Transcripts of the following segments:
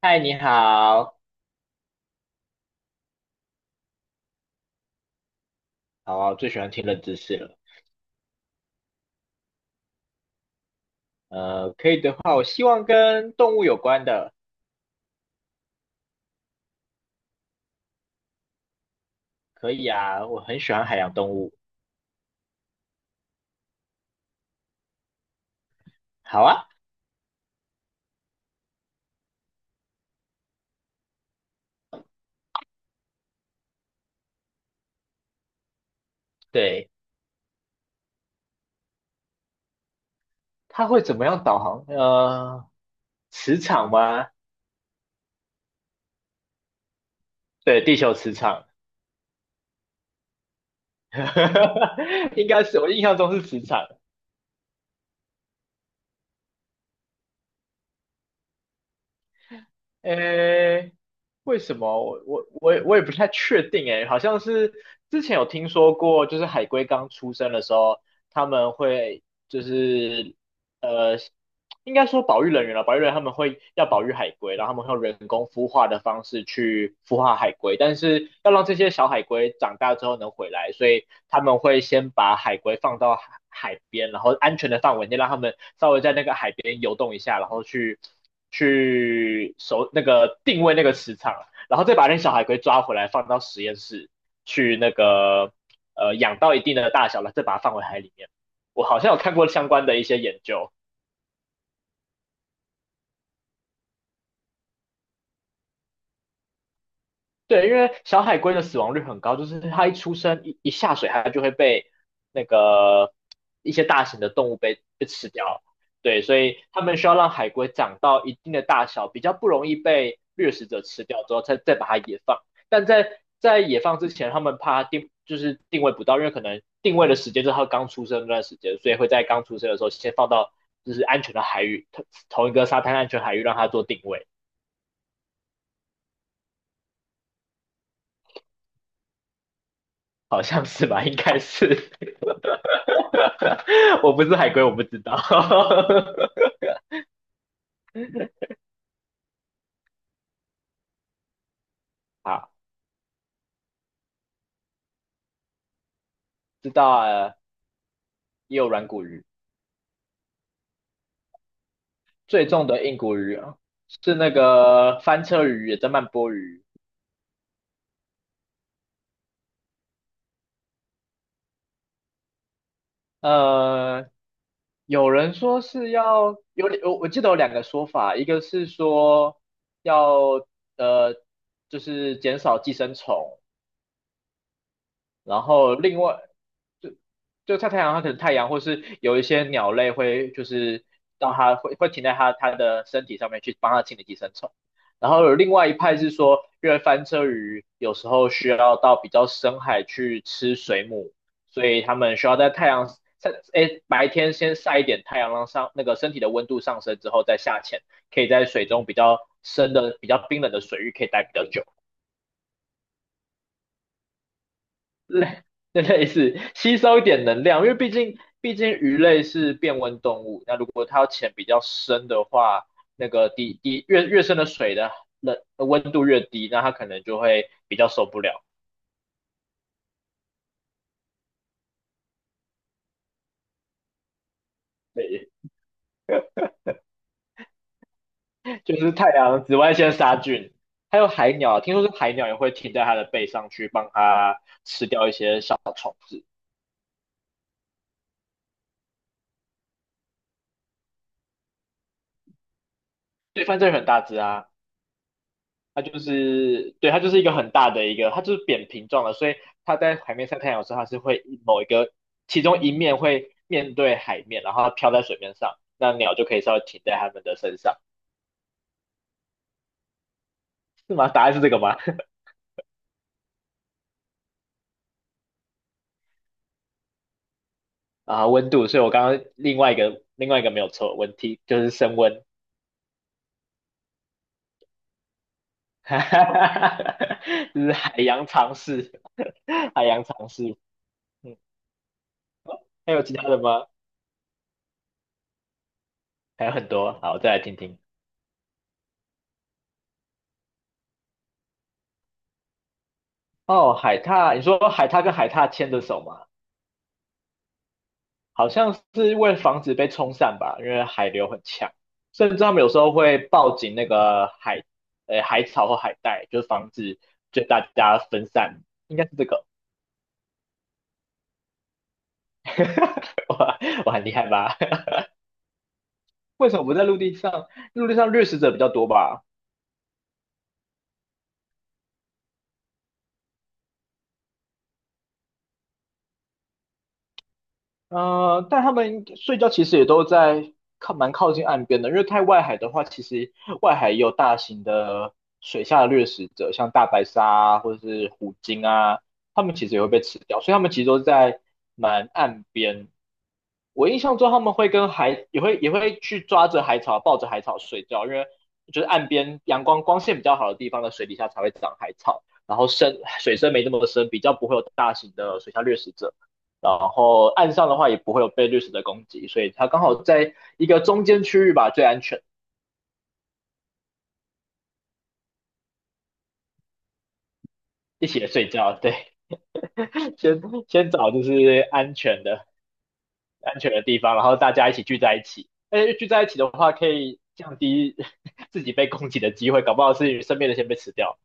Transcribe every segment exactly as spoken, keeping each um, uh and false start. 嗨，你好。好啊，我最喜欢听冷知识了。呃，可以的话，我希望跟动物有关的。可以啊，我很喜欢海洋动物。好啊。对，它会怎么样导航？呃，磁场吗？对，地球磁场。应该是我印象中是磁场。诶，为什么？我我我也我也不太确定诶，好像是之前有听说过，就是海龟刚出生的时候，他们会就是呃，应该说保育人员了。保育人员他们会要保育海龟，然后他们会用人工孵化的方式去孵化海龟，但是要让这些小海龟长大之后能回来，所以他们会先把海龟放到海海边，然后安全的范围内让他们稍微在那个海边游动一下，然后去去守那个定位那个磁场，然后再把那小海龟抓回来放到实验室去那个呃养到一定的大小了，再把它放回海里面。我好像有看过相关的一些研究。对，因为小海龟的死亡率很高，就是它一出生一一下水，它就会被那个一些大型的动物被被吃掉。对，所以他们需要让海龟长到一定的大小，比较不容易被掠食者吃掉之后，再再把它野放。但在在野放之前，他们怕它定就是定位不到，因为可能定位的时间就是它刚出生那段时间，所以会在刚出生的时候先放到就是安全的海域，同同一个沙滩安全海域让它做定位。好像是吧，应该是。我不是海龟，我不知道。好，知道啊。也有软骨鱼。最重的硬骨鱼啊是那个翻车鱼，也叫曼波鱼。呃，有人说是要有，我我记得有两个说法，一个是说要呃，就是减少寄生虫。然后另外就就晒太阳，它可能太阳或是有一些鸟类会就是让它会会停在它它的身体上面去帮它清理寄生虫。然后有另外一派是说，因为翻车鱼有时候需要到比较深海去吃水母，所以它们需要在太阳晒，诶，白天先晒一点太阳，让上那个身体的温度上升之后再下潜，可以在水中比较深的、比较冰冷的水域可以待比较久。类 类似吸收一点能量，因为毕竟毕竟鱼类是变温动物，那如果它要潜比较深的话，那个底底越越深的水的冷温度越低，那它可能就会比较受不了。对。就是太阳紫外线杀菌。还有海鸟，听说是海鸟也会停在它的背上去帮它吃掉一些小。对，反正很大只啊。它就是对，它就是一个很大的一个，它就是扁平状的，所以它在海面上太阳的时候，它是会某一个其中一面会面对海面，然后它飘在水面上，那鸟就可以稍微停在它们的身上。是吗？答案是这个吗？啊，温度，所以我刚刚另外一个另外一个没有错，问题就是升温。哈哈哈哈，就是海洋常识，海洋常识。嗯，还有其他的吗？还有很多，好，再来听听。哦，海獭，你说海獭跟海獭牵着手吗？好像是为了防止被冲散吧，因为海流很强，甚至他们有时候会抱紧那个海，呃，海草或海带，就是防止就大家分散，应该是这个。我我很厉害吧？为什么不在陆地上？陆地上掠食者比较多吧？呃，但他们睡觉其实也都在靠蛮靠近岸边的，因为太外海的话，其实外海也有大型的水下掠食者，像大白鲨啊，或者是虎鲸啊，他们其实也会被吃掉，所以他们其实都在蛮岸边。我印象中他们会跟海也会也会去抓着海草，抱着海草睡觉，因为就是岸边阳光光线比较好的地方的水底下才会长海草，然后深水深没那么深，比较不会有大型的水下掠食者。然后岸上的话也不会有被掠食的攻击，所以他刚好在一个中间区域吧，最安全，一起睡觉，对。先先找就是安全的安全的地方，然后大家一起聚在一起，而且聚在一起的话可以降低自己被攻击的机会，搞不好是身边的先被吃掉。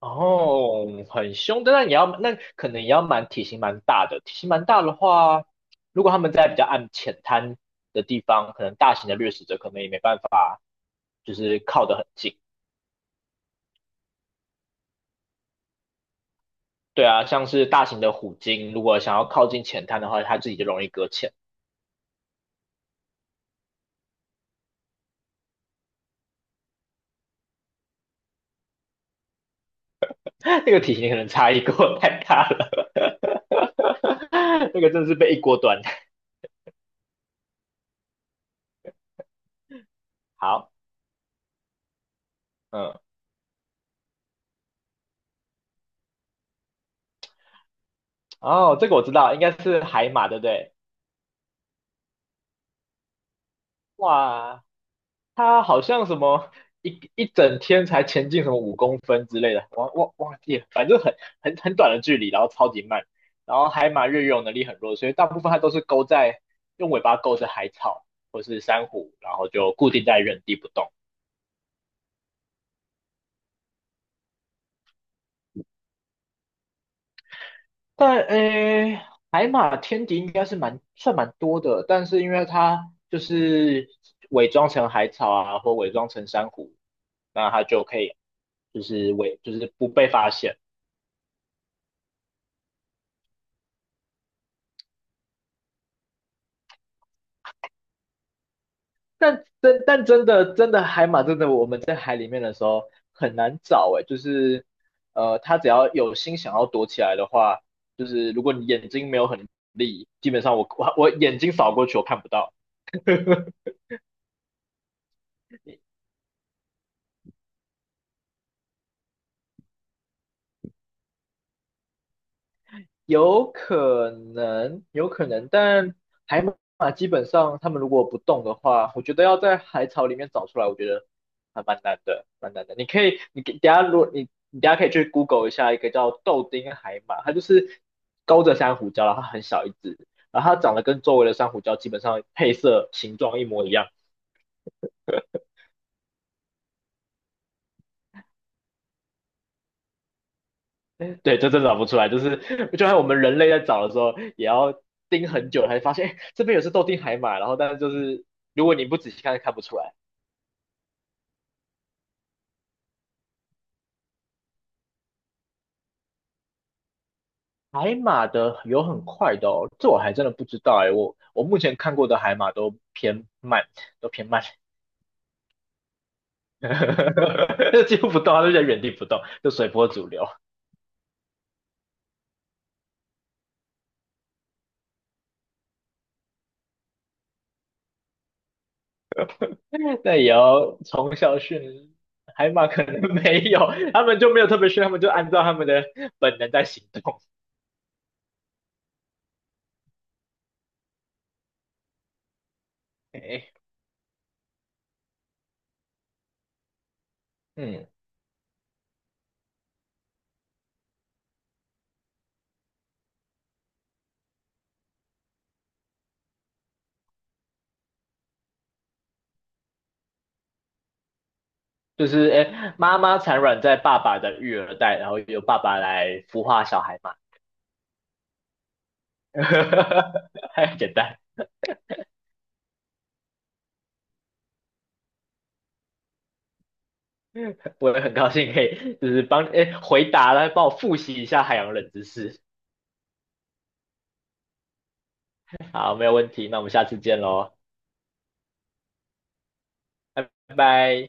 哦，很凶，但那你要那可能也要蛮体型蛮大的，体型蛮大的话，如果他们在比较暗浅滩的地方，可能大型的掠食者可能也没办法就是靠得很近。对啊，像是大型的虎鲸，如果想要靠近浅滩的话，它自己就容易搁浅。那个体型可能差异跟我太大了。那个真的是被一锅端。好。嗯，哦，这个我知道，应该是海马，对不对？哇，它好像什么一一整天才前进什么五公分之类的，忘忘忘记了，反正很很很短的距离，然后超级慢。然后海马越游能力很弱，所以大部分它都是勾在用尾巴勾着海草或是珊瑚，然后就固定在原地不动。但诶，海马天敌应该是蛮算蛮多的，但是因为它就是伪装成海草啊，或伪装成珊瑚，那它就可以就是伪就是不被发现。但真但真的真的海马真的我们在海里面的时候很难找哎，就是呃，它只要有心想要躲起来的话，就是如果你眼睛没有很利，基本上我我我眼睛扫过去我看不到。有可能，有可能，但海马基本上他们如果不动的话，我觉得要在海草里面找出来，我觉得还蛮难的，蛮难的。你可以，你给等一下如果你你等一下可以去 Google 一下一个叫豆丁海马，它就是勾着珊瑚礁，然后它很小一只，然后它长得跟周围的珊瑚礁基本上配色形状一模一样。对，这真的找不出来，就是就像我们人类在找的时候，也要盯很久才发现，哎，这边也是豆丁海马，然后但是就是如果你不仔细看，看不出来。海马的有很快的哦，这我还真的不知道哎，我我目前看过的海马都偏慢，都偏慢。就几乎不动，它就在原地不动，就随波逐流。那也要从小训海马，可能没有，他们就没有特别训，他们就按照他们的本能在行动。哎，嗯，就是哎，妈妈产卵在爸爸的育儿袋，然后由爸爸来孵化小海马。太简单。我也很高兴可以就是帮哎回答了，帮我复习一下海洋冷知识。好，没有问题，那我们下次见喽，拜拜。